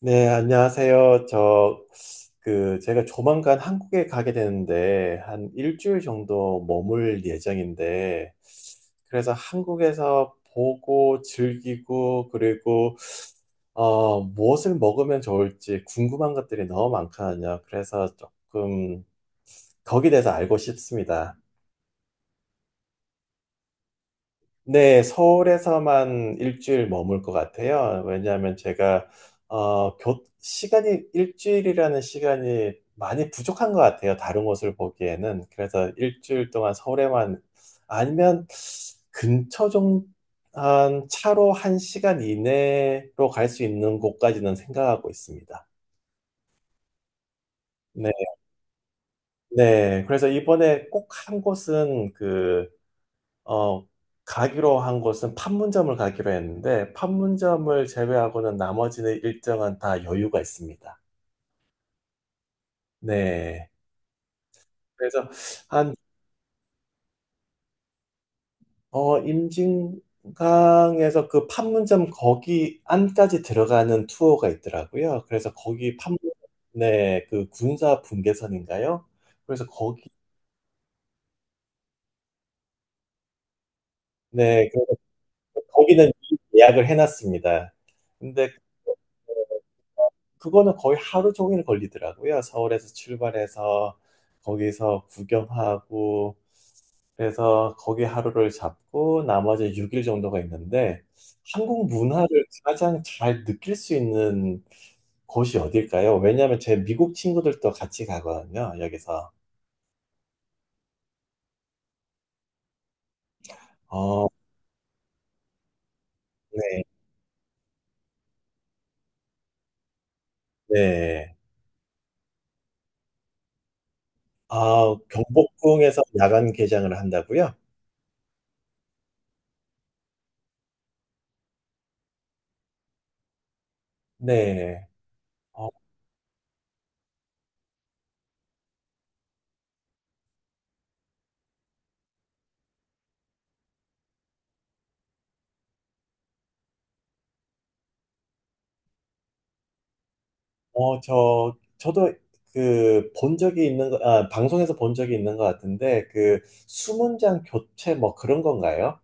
네, 안녕하세요. 저, 그, 제가 조만간 한국에 가게 되는데, 한 일주일 정도 머물 예정인데, 그래서 한국에서 보고 즐기고, 그리고, 무엇을 먹으면 좋을지 궁금한 것들이 너무 많거든요. 그래서 조금 거기에 대해서 알고 싶습니다. 네, 서울에서만 일주일 머물 것 같아요. 왜냐하면 제가 시간이 일주일이라는 시간이 많이 부족한 것 같아요. 다른 곳을 보기에는. 그래서 일주일 동안 서울에만 아니면 근처 좀 한 차로 한 시간 이내로 갈 수 있는 곳까지는 생각하고 있습니다. 네, 네. 그래서 이번에 꼭 한 곳은 어, 가기로 한 곳은 판문점을 가기로 했는데, 판문점을 제외하고는 나머지는 일정은 다 여유가 있습니다. 네. 그래서 한, 임진강에서 그 판문점 거기 안까지 들어가는 투어가 있더라고요. 그래서 거기 네, 그 군사 분계선인가요? 그래서 거기, 네, 그래서 거기는 이미 예약을 해놨습니다. 근데 그거는 거의 하루 종일 걸리더라고요. 서울에서 출발해서 거기서 구경하고 그래서 거기 하루를 잡고 나머지 6일 정도가 있는데 한국 문화를 가장 잘 느낄 수 있는 곳이 어딜까요? 왜냐하면 제 미국 친구들도 같이 가거든요. 여기서. 어, 네, 네. 아, 경복궁에서 야간 개장을 한다고요? 네. 어, 저도 본 적이 있는, 아, 방송에서 본 적이 있는 것 같은데, 수문장 교체 뭐 그런 건가요?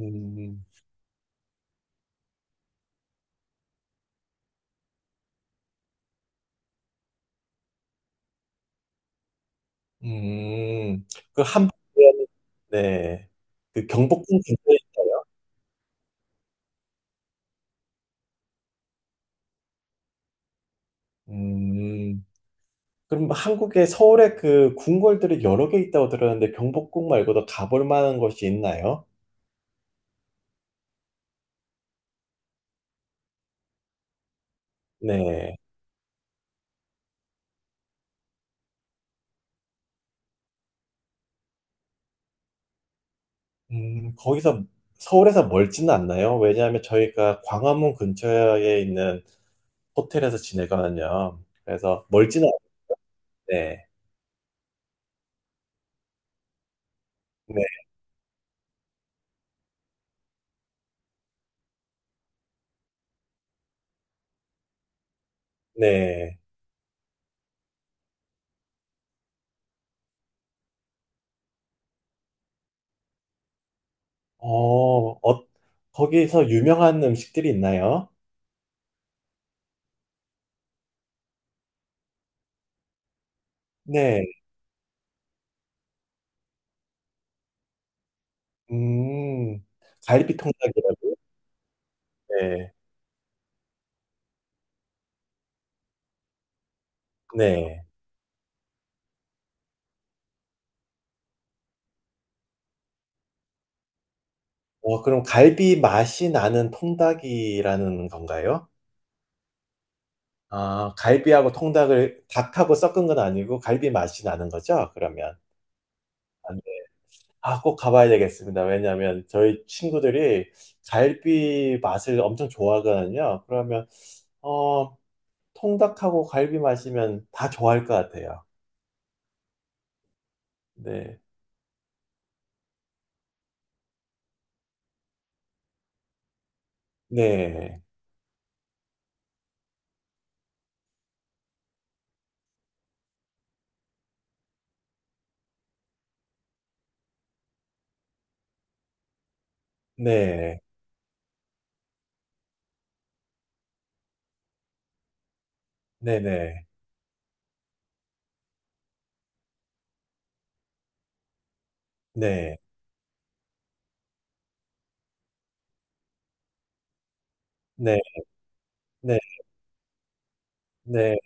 음. 음. 그 한복, 네. 그 경복궁 근처에 있어요. 음, 그럼 한국에, 서울에 그 궁궐들이 여러 개 있다고 들었는데, 경복궁 말고도 가볼 만한 곳이 있나요? 네. 거기서 서울에서 멀지는 않나요? 왜냐하면 저희가 광화문 근처에 있는 호텔에서 지내거든요. 그래서 멀지는 않네. 네, 네. 네. 어, 어, 거기서 유명한 음식들이 있나요? 네. 음, 갈비 통닭이라고? 네, 네. 그럼 갈비 맛이 나는 통닭이라는 건가요? 아, 갈비하고 통닭을 닭하고 섞은 건 아니고 갈비 맛이 나는 거죠? 그러면. 아, 꼭 가봐야 되겠습니다. 왜냐하면 저희 친구들이 갈비 맛을 엄청 좋아하거든요. 그러면 어, 통닭하고 갈비 맛이면 다 좋아할 것 같아요. 네, 네, 네, 네, 네, 네, 네, 네, 네,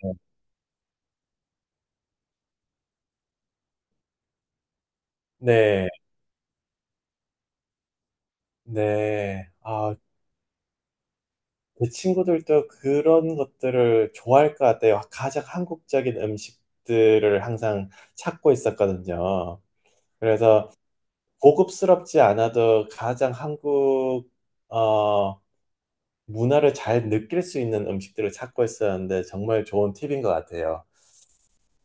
네, 네. 아, 제 친구들도 그런 것들을 좋아할 것 같아요. 가장 한국적인 음식들을 항상 찾고 있었거든요. 그래서 고급스럽지 않아도 가장 한국 어, 문화를 잘 느낄 수 있는 음식들을 찾고 있었는데 정말 좋은 팁인 것 같아요.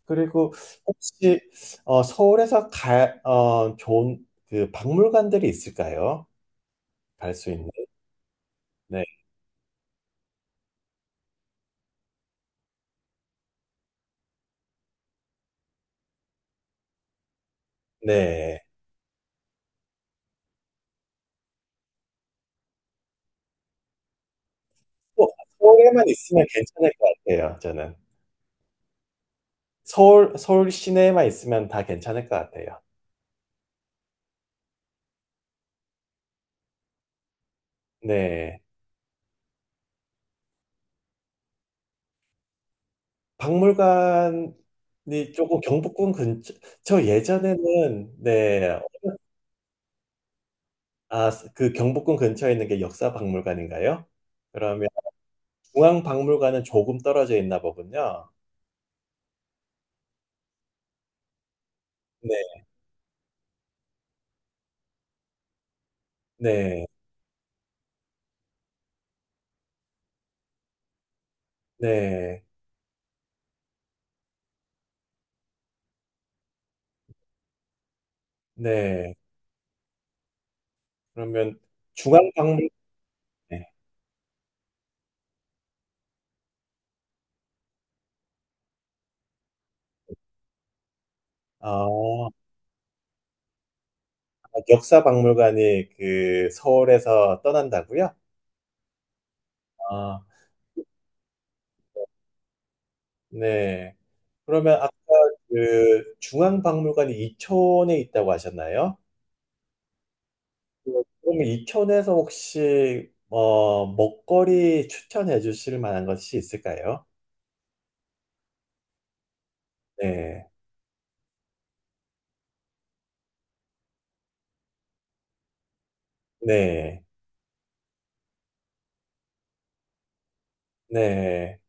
그리고 혹시 서울에서 좋은 그 박물관들이 있을까요? 갈 수 있는. 네. 네. 어, 서울에만 있으면 괜찮을 것 같아요, 저는. 서울 시내에만 있으면 다 괜찮을 것 같아요. 네. 박물관이 조금 경복궁 근처, 저 예전에는, 네, 아, 그 경복궁 근처에 있는 게 역사박물관인가요? 그러면 중앙박물관은 조금 떨어져 있나 보군요. 네, 네, 네, 네. 그러면 중앙박물관, 네. 아, 역사박물관이 그 서울에서 떠난다고요? 아, 네. 그러면 아까 그 중앙박물관이 이촌에 있다고 하셨나요? 그럼 이천에서 혹시 먹거리 추천해 주실 만한 것이 있을까요? 네, 네, 네.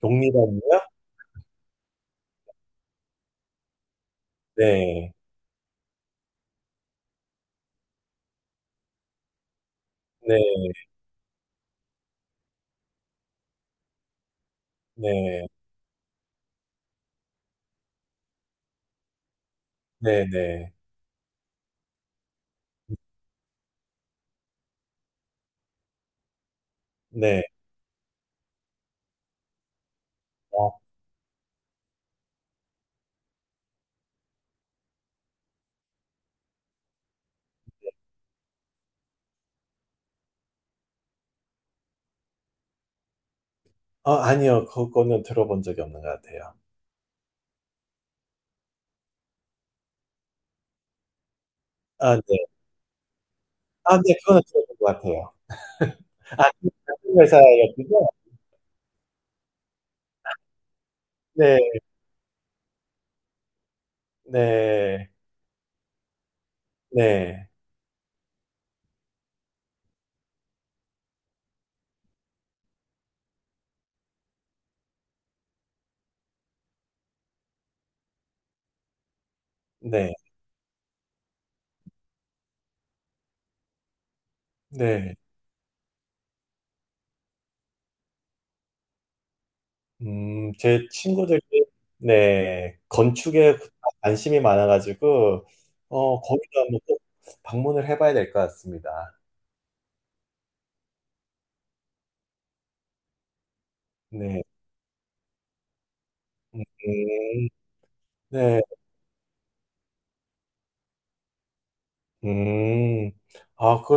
독립원이요? 네, 네, 네, 네, 네, 네. 어, 아니요, 그거는 들어본 적이 없는 것 같아요. 아, 네. 아, 네, 그거는 들어본 것 같아요. 아, 같은 회사였군요. 네, 네, 네, 네, 네. 제 친구들이, 네, 건축에 관심이 많아가지고, 거기도 한번 꼭 방문을 해봐야 될 것 같습니다. 네, 음, 네, 음, 아, 그,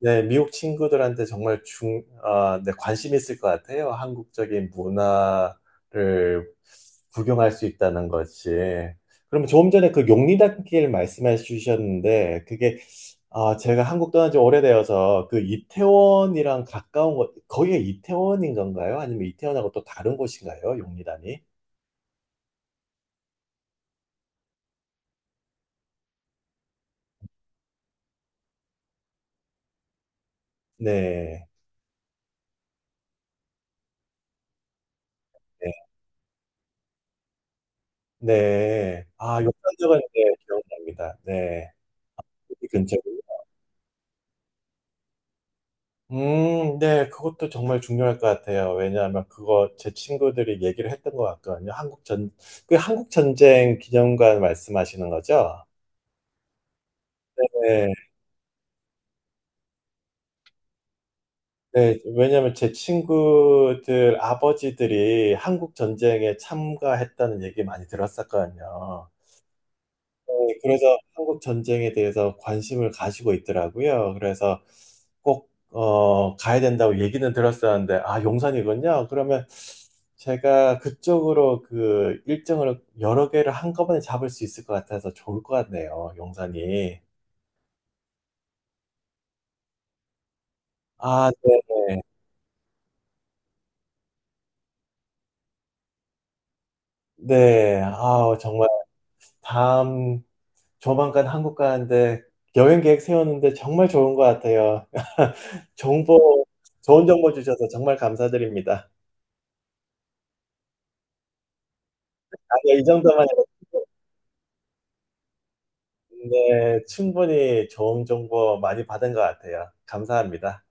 네, 미국 친구들한테 정말 아, 네, 관심 있을 것 같아요. 한국적인 문화를 구경할 수 있다는 것이. 그럼 조금 전에 그 용리단길 말씀해 주셨는데, 그게 아, 제가 한국 떠난 지 오래되어서 그 이태원이랑 가까운 곳, 거기가 이태원인 건가요? 아니면 이태원하고 또 다른 곳인가요? 용리단이? 네. 네. 네. 아, 용산역은 네, 기억납니다. 네. 그 근처. 네. 그것도 정말 중요할 것 같아요. 왜냐하면 그거 제 친구들이 얘기를 했던 것 같거든요. 그 한국 전쟁 기념관 말씀하시는 거죠? 네. 네, 왜냐면 제 친구들 아버지들이 한국 전쟁에 참가했다는 얘기 많이 들었었거든요. 네, 그래서 한국 전쟁에 대해서 관심을 가지고 있더라고요. 그래서 꼭, 가야 된다고 얘기는 들었었는데, 아, 용산이군요. 그러면 제가 그쪽으로 그 일정을 여러 개를 한꺼번에 잡을 수 있을 것 같아서 좋을 것 같네요. 용산이. 아, 네, 네. 아, 정말 다음 조만간 한국 가는데 여행 계획 세웠는데 정말 좋은 것 같아요. 정보, 좋은 정보 주셔서 정말 감사드립니다. 아니요, 이 정도만 해도 네, 충분히 좋은 정보 많이 받은 것 같아요. 감사합니다.